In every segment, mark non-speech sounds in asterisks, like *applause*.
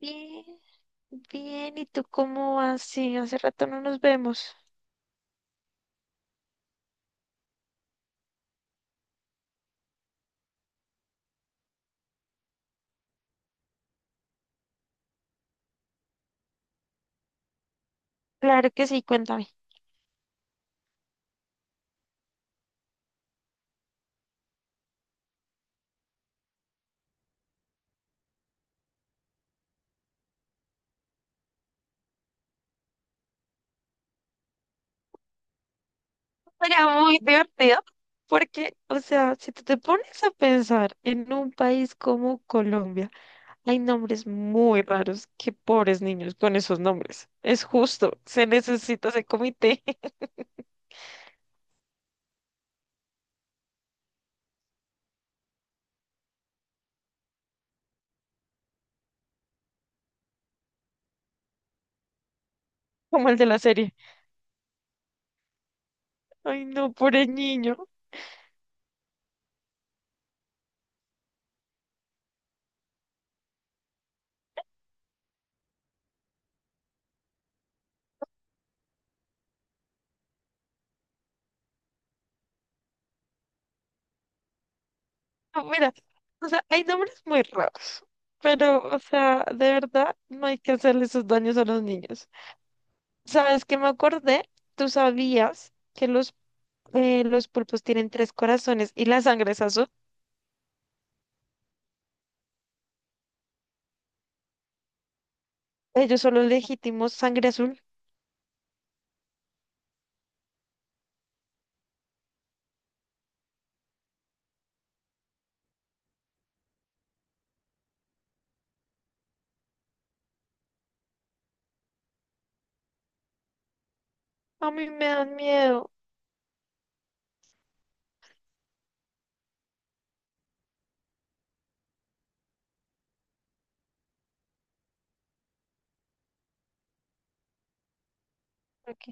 Bien, bien. ¿Y tú cómo vas? Sí, hace rato no nos vemos. Claro que sí, cuéntame. Era muy divertido porque, o sea, si tú te pones a pensar en un país como Colombia, hay nombres muy raros. Qué pobres niños con esos nombres. Es justo, se necesita ese comité *laughs* como el de la serie. Ay, no, pobre niño. No, mira, o sea, hay nombres muy raros, pero, o sea, de verdad, no hay que hacerle esos daños a los niños. ¿Sabes qué me acordé? ¿Tú sabías que los pulpos tienen tres corazones y la sangre es azul? Ellos son los legítimos sangre azul. A mí me dan miedo. Ok,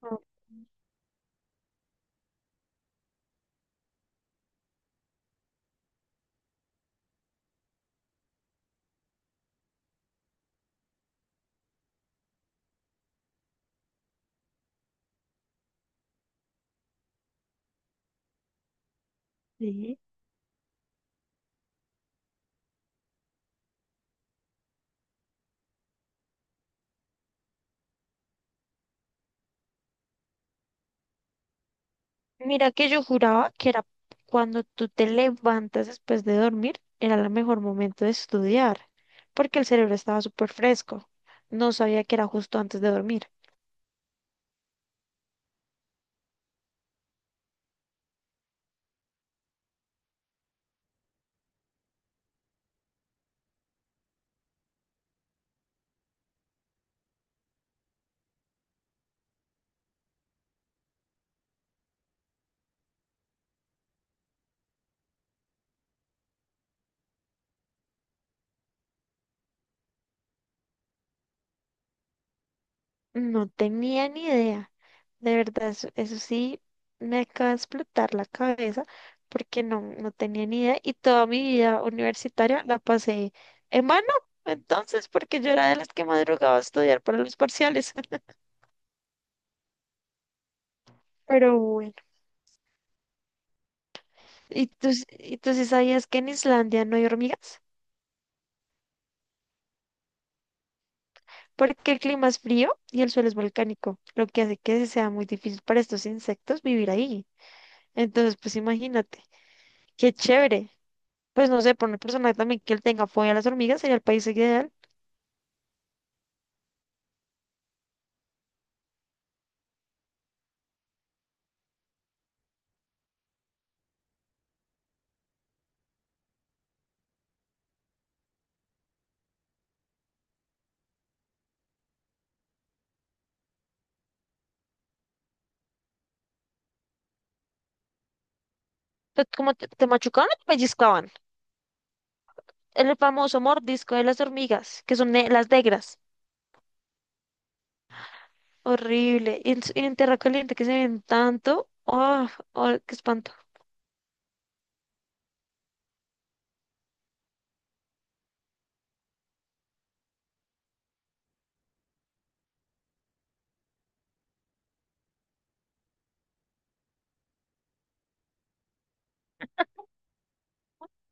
ok, sí. Mira que yo juraba que era cuando tú te levantas después de dormir, era el mejor momento de estudiar, porque el cerebro estaba súper fresco. No sabía que era justo antes de dormir. No tenía ni idea. De verdad, eso sí me acaba de explotar la cabeza porque no, no tenía ni idea y toda mi vida universitaria la pasé en mano, entonces, porque yo era de las que madrugaba a estudiar para los parciales. *laughs* Pero bueno, ¿y tú sí sabías que en Islandia no hay hormigas? Porque el clima es frío y el suelo es volcánico, lo que hace que sea muy difícil para estos insectos vivir ahí. Entonces, pues imagínate, qué chévere. Pues no sé, por una persona también que él tenga fobia a las hormigas sería el país ideal. Pues, ¿cómo te, te machucaban o te pellizcaban? El famoso mordisco de las hormigas, que son las negras. Horrible. Y en, y en tierra caliente que se ven tanto. ¡Oh, oh, qué espanto!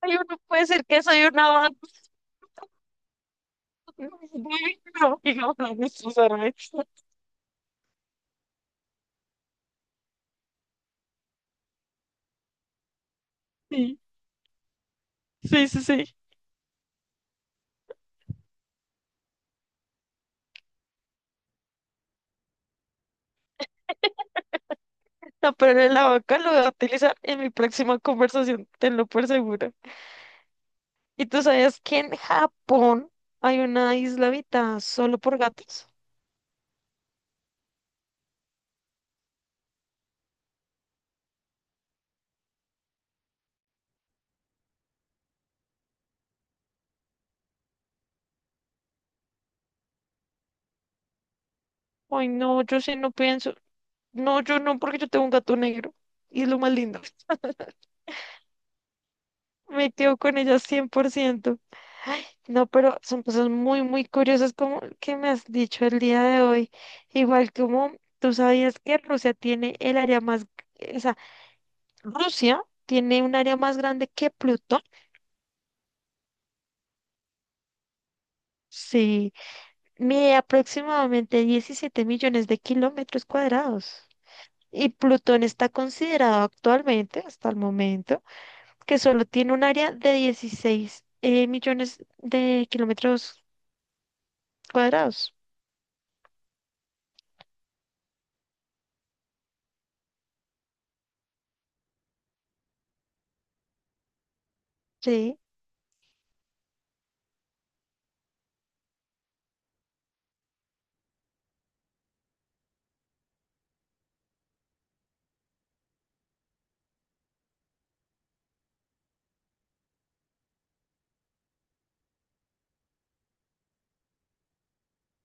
Ay, no puede ser que soy una vaca. *laughs* No, no, no, no, no, Susana. Sí, sí, sí, sí. No, pero la vaca lo voy a utilizar en mi próxima conversación, tenlo por seguro. ¿Y tú sabías que en Japón hay una isla habitada solo por gatos? Ay, no, yo sí no pienso. No, yo no, porque yo tengo un gato negro. Y es lo más lindo. Me quedo con ella 100%. Ay, no, pero son cosas muy, muy curiosas como el que me has dicho el día de hoy. Igual como tú sabías que Rusia tiene el área más, o sea, Rusia tiene un área más grande que Plutón. Sí, mide aproximadamente 17 millones de kilómetros cuadrados. Y Plutón está considerado actualmente, hasta el momento, que solo tiene un área de 16 millones de kilómetros cuadrados. Sí,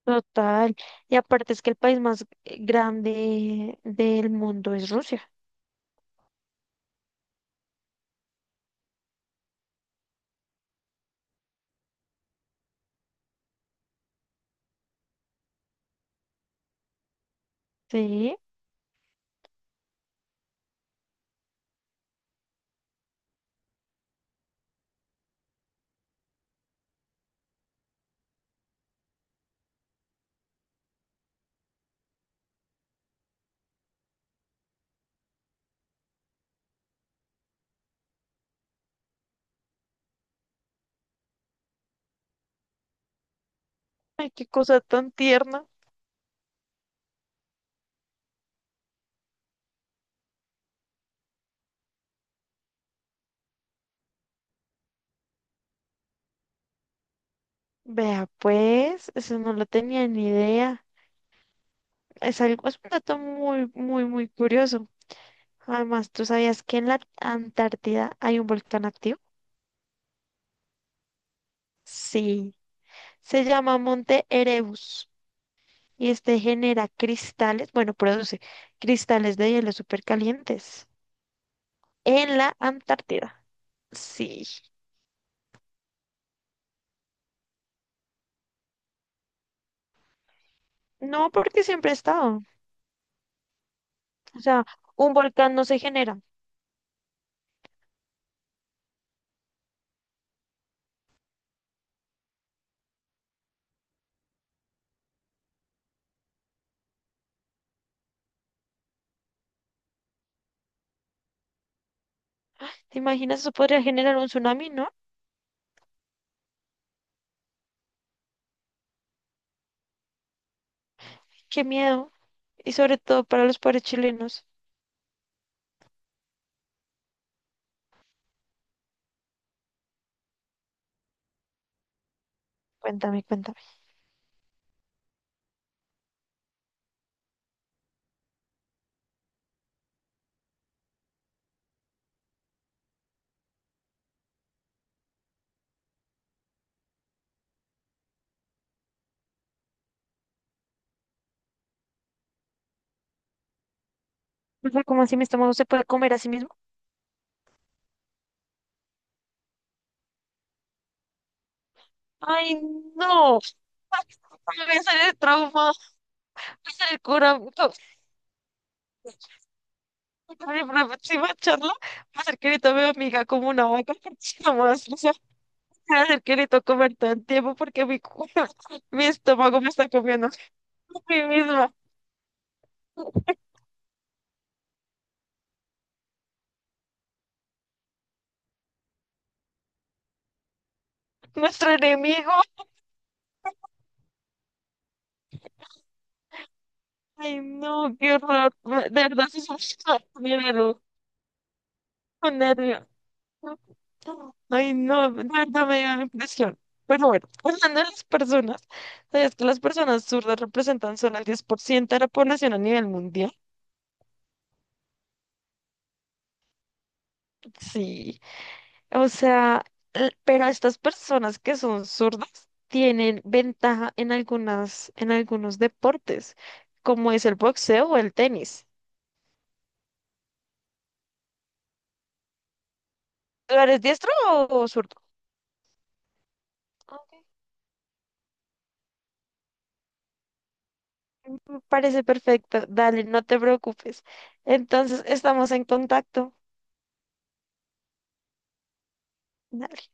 total. Y aparte es que el país más grande del mundo es Rusia. Sí, ay, qué cosa tan tierna. Vea, pues, eso no lo tenía ni idea. Es algo, es un dato muy, muy, muy curioso. Además, ¿tú sabías que en la Antártida hay un volcán activo? Sí. Se llama Monte Erebus y este genera cristales, bueno, produce cristales de hielo supercalientes en la Antártida. Sí, no porque siempre ha estado. O sea, un volcán no se genera. ¿Te imaginas? Eso podría generar un tsunami, ¿no? Qué miedo. Y sobre todo para los pobres chilenos. Cuéntame, cuéntame. O sea, ¿cómo así mi estómago se puede comer a sí mismo? ¡Ay, no! *laughs* Me voy a salir trauma, voy a salir Oye, por la próxima charla, me acerqué y tomé a mi hija como una vaca, *laughs* nomás, o sea, me acerqué y tocó comer todo el tiempo porque mi, *laughs* mi estómago me está comiendo *laughs* a mí misma. Nuestro enemigo. Ay, no, qué horror. De verdad, sí, sí, sí, me dio un nervio. Ay, no, de verdad me dio la impresión. Pero bueno, *laughs* hablando de las personas, ¿sabías que las personas zurdas representan solo el 10% de la población a nivel mundial? Sí. O sea, pero estas personas que son zurdas tienen ventaja en algunas, en algunos deportes, como es el boxeo o el tenis. ¿Tú eres diestro o zurdo? Ok. Me parece perfecto. Dale, no te preocupes. Entonces, estamos en contacto. Dale.